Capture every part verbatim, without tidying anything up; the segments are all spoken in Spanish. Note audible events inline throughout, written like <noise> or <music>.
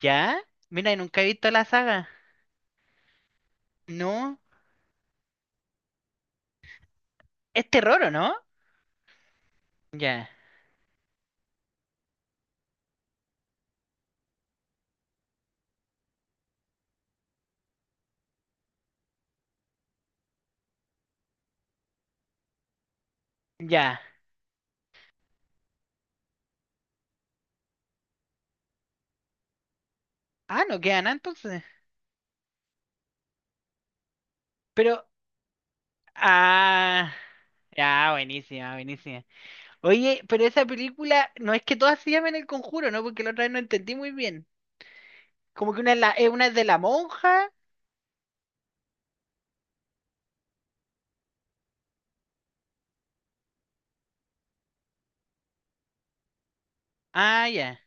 ¿Ya? Mira, nunca he visto la saga. No. Es terror, ¿o no? Ya. Ya. Ah, no queda nada entonces. Pero. Ah. Ya, buenísima, buenísima. Oye, pero esa película no es que todas se llamen El Conjuro, ¿no? Porque la otra vez no entendí muy bien. Como que una es, la, eh, una es de la monja. Ah, ya.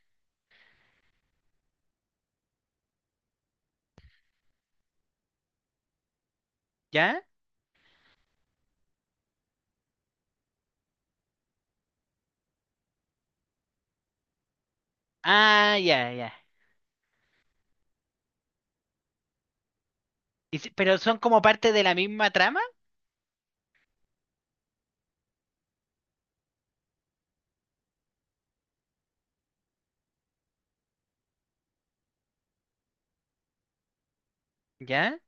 ¿Ya? Ah, ya, ya. Y si- pero son como parte de la misma trama. ¿Ya?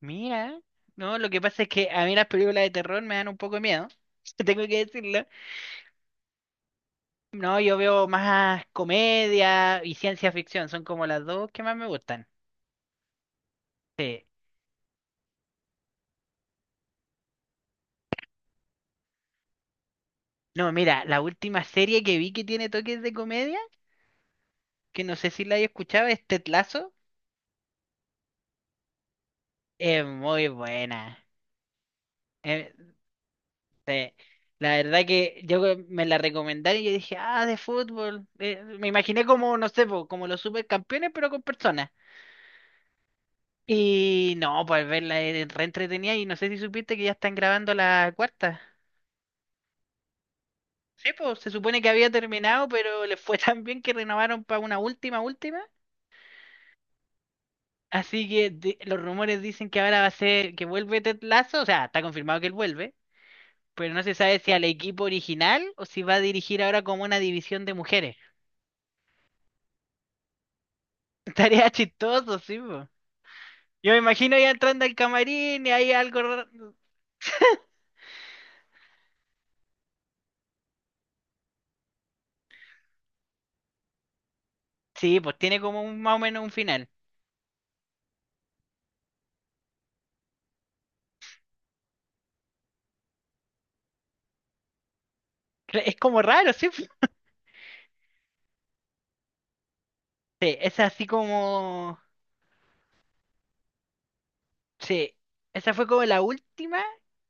Mira. No, lo que pasa es que a mí las películas de terror me dan un poco de miedo. <laughs> Tengo que decirlo. No, yo veo más comedia y ciencia ficción, son como las dos que más me gustan. Sí. No, mira, la última serie que vi que tiene toques de comedia, que no sé si la hay escuchado, es Ted Lasso, es muy buena. Eh, sí. La verdad que yo que me la recomendaron y yo dije, ah, de fútbol. Eh, me imaginé como, no sé, po, como los supercampeones, pero con personas. Y no, pues verla es re entretenida y no sé si supiste que ya están grabando la cuarta. Sí, pues se supone que había terminado, pero le fue <laughs> tan bien que renovaron para una última, última. Así que di- los rumores dicen que ahora va a ser que vuelve Ted Lasso, o sea, está confirmado que él vuelve, pero no se sabe si al equipo original o si va a dirigir ahora como una división de mujeres. <laughs> Estaría chistoso, sí, pues. Yo me imagino ya entrando al camarín y ahí algo raro. Sí, pues tiene como un, más o menos un final. Cre- Es como raro, sí, po. Sí, es así como. Sí, esa fue como la última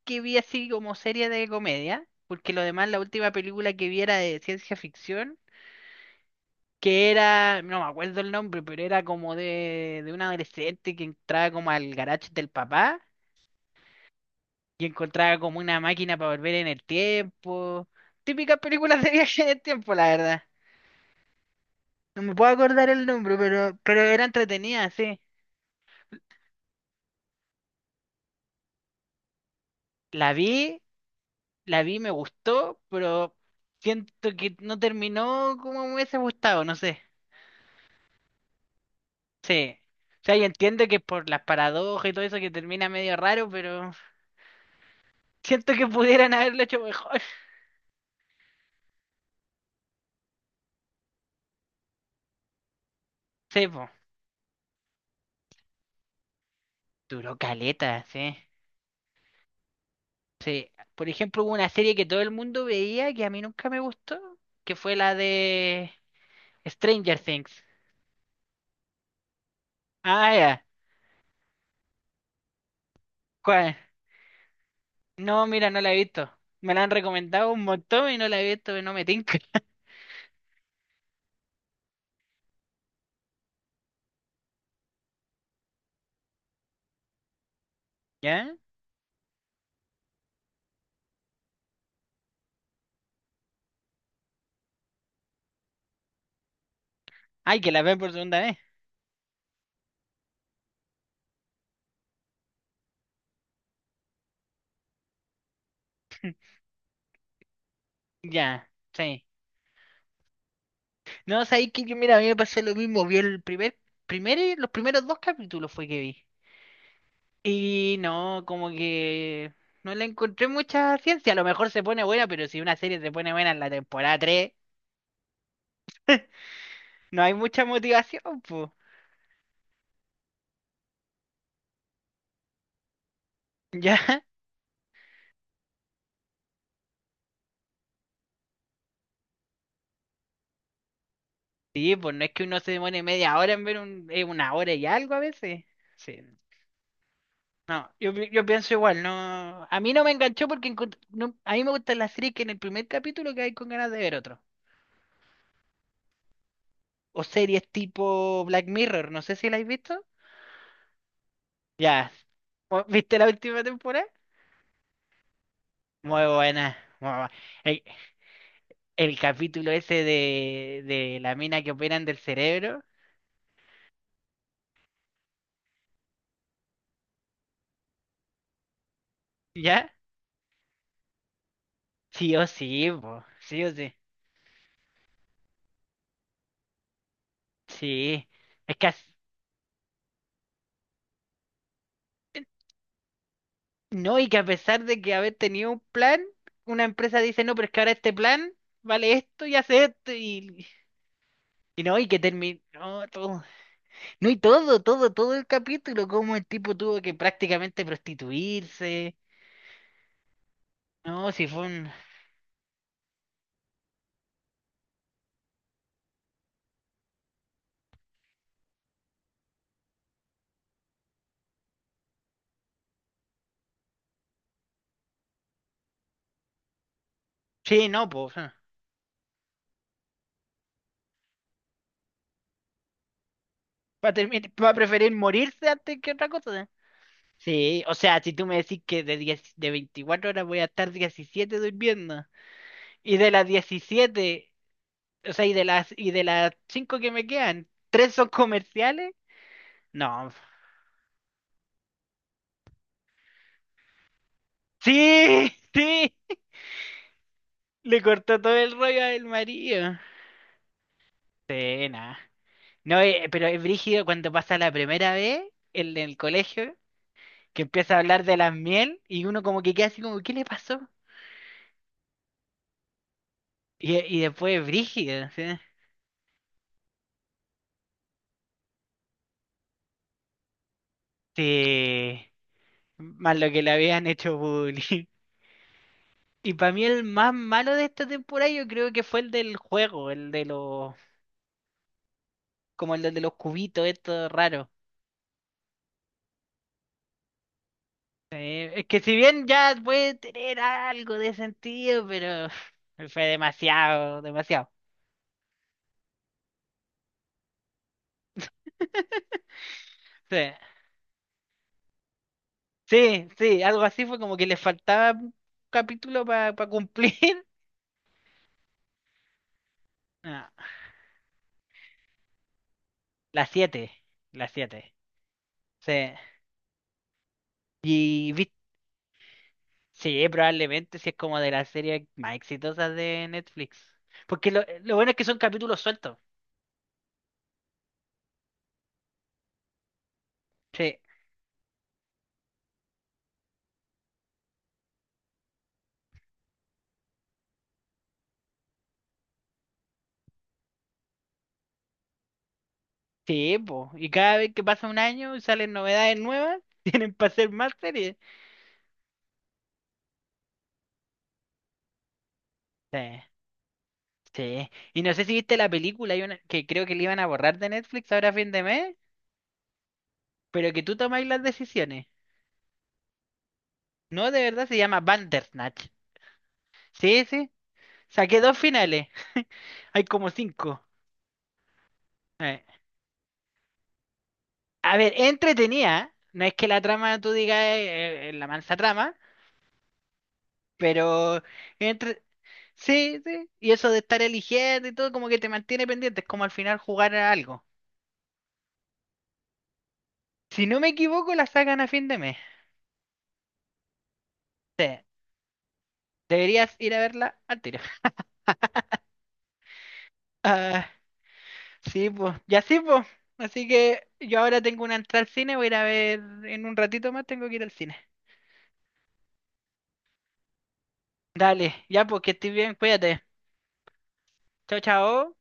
que vi así como serie de comedia, porque lo demás, la última película que vi era de ciencia ficción, que era, no me acuerdo el nombre, pero era como de, de, un adolescente que entraba como al garage del papá y encontraba como una máquina para volver en el tiempo. Típicas películas de <laughs> viaje en el tiempo, la verdad. No me puedo acordar el nombre, pero, pero era entretenida, sí. La vi la vi, me gustó, pero siento que no terminó como me hubiese gustado, no sé. Sí. O sea, yo entiendo que por las paradojas y todo eso que termina medio raro, pero siento que pudieran haberlo hecho mejor. <laughs> Sí, po. Duró caleta, sí. Sí. Por ejemplo, hubo una serie que todo el mundo veía que a mí nunca me gustó, que fue la de Stranger Things. Ah, ya. ¿Cuál? No, mira, no la he visto. Me la han recomendado un montón y no la he visto, no me tinca. <laughs> ¿Ya? Ay, que la ven por segunda vez. Ya, sí. No, sabéis que yo, mira, a mí me pasó lo mismo. Vi el primer, primer, los primeros dos capítulos fue que vi. Y no, como que no le encontré mucha ciencia. A lo mejor se pone buena, pero si una serie se pone buena en la temporada tres no hay mucha motivación, pues. Ya. <laughs> Sí, pues no es que uno se demore media hora en ver un, eh, una hora y algo a veces. Sí. No, yo, pi- yo pienso igual, no. A mí no me enganchó porque encont- no- a mí me gustan las series que en el primer capítulo que hay con ganas de ver otro. O series tipo Black Mirror, no sé si la habéis visto. Ya, ¿o- ¿viste la última temporada? Muy buena. muy bu- El, el capítulo ese de, de la mina que operan del cerebro, ¿ya? Sí o sí, po, sí o sí. Sí, es que as- no, y que a pesar de que haber tenido un plan, una empresa dice, no, pero es que ahora este plan vale esto y hace esto y, y no, y que terminó todo. No, y todo, todo, todo el capítulo, cómo el tipo tuvo que prácticamente prostituirse. No, si fue un... Sí, no, pues. Va a, a preferir morirse antes que otra cosa. Sí, o sea, si tú me decís que de, diez de veinticuatro horas voy a estar diecisiete durmiendo, y de las diecisiete o sea, y de las, y de las cinco que me quedan, ¿tres son comerciales? No. <laughs> Sí, sí, le cortó todo el rollo al marido. Sí, nada. No, eh, pero es brígido cuando pasa la primera vez en el colegio, que empieza a hablar de las miel y uno como que queda así como, ¿qué le pasó? Y, y después es brígido, ¿sí? Sí, más lo que le habían hecho bullying. <laughs> Y para mí el más malo de esta temporada yo creo que fue el del juego, el de los, como el de los cubitos, esto raro. Eh, es que si bien ya puede tener algo de sentido, pero <laughs> fue demasiado, demasiado. Sí. Sí, sí, algo así fue como que le faltaba un capítulo para cumplir. <laughs> Ah, la siete, la siete. Sí. Y vi- sí, probablemente si es como de las series más exitosas de Netflix. Porque lo, lo bueno es que son capítulos sueltos. Sí, sí, po. Y cada vez que pasa un año y salen novedades nuevas, <laughs> tienen para hacer más series. Sí, sí. Y no sé si viste la película, hay una que creo que le iban a borrar de Netflix ahora a fin de mes, pero que tú tomáis las decisiones. No, de verdad se llama Bandersnatch. Sí, sí. Saqué dos finales. Hay como cinco. Eh, A ver, entretenida. No es que la trama tú digas eh, eh, la mansa trama, pero entre... Sí, sí. Y eso de estar eligiendo y todo como que te mantiene pendiente. Es como al final jugar a algo. Si no me equivoco, la sacan a fin de mes. Sí. Deberías ir a verla al tiro. <laughs> Ah, sí, pues. Ya sí, pues. Así que yo ahora tengo una entrada al cine. Voy a ir a ver en un ratito más. Tengo que ir al cine. Dale, ya porque estoy bien, cuídate. Chao, chao.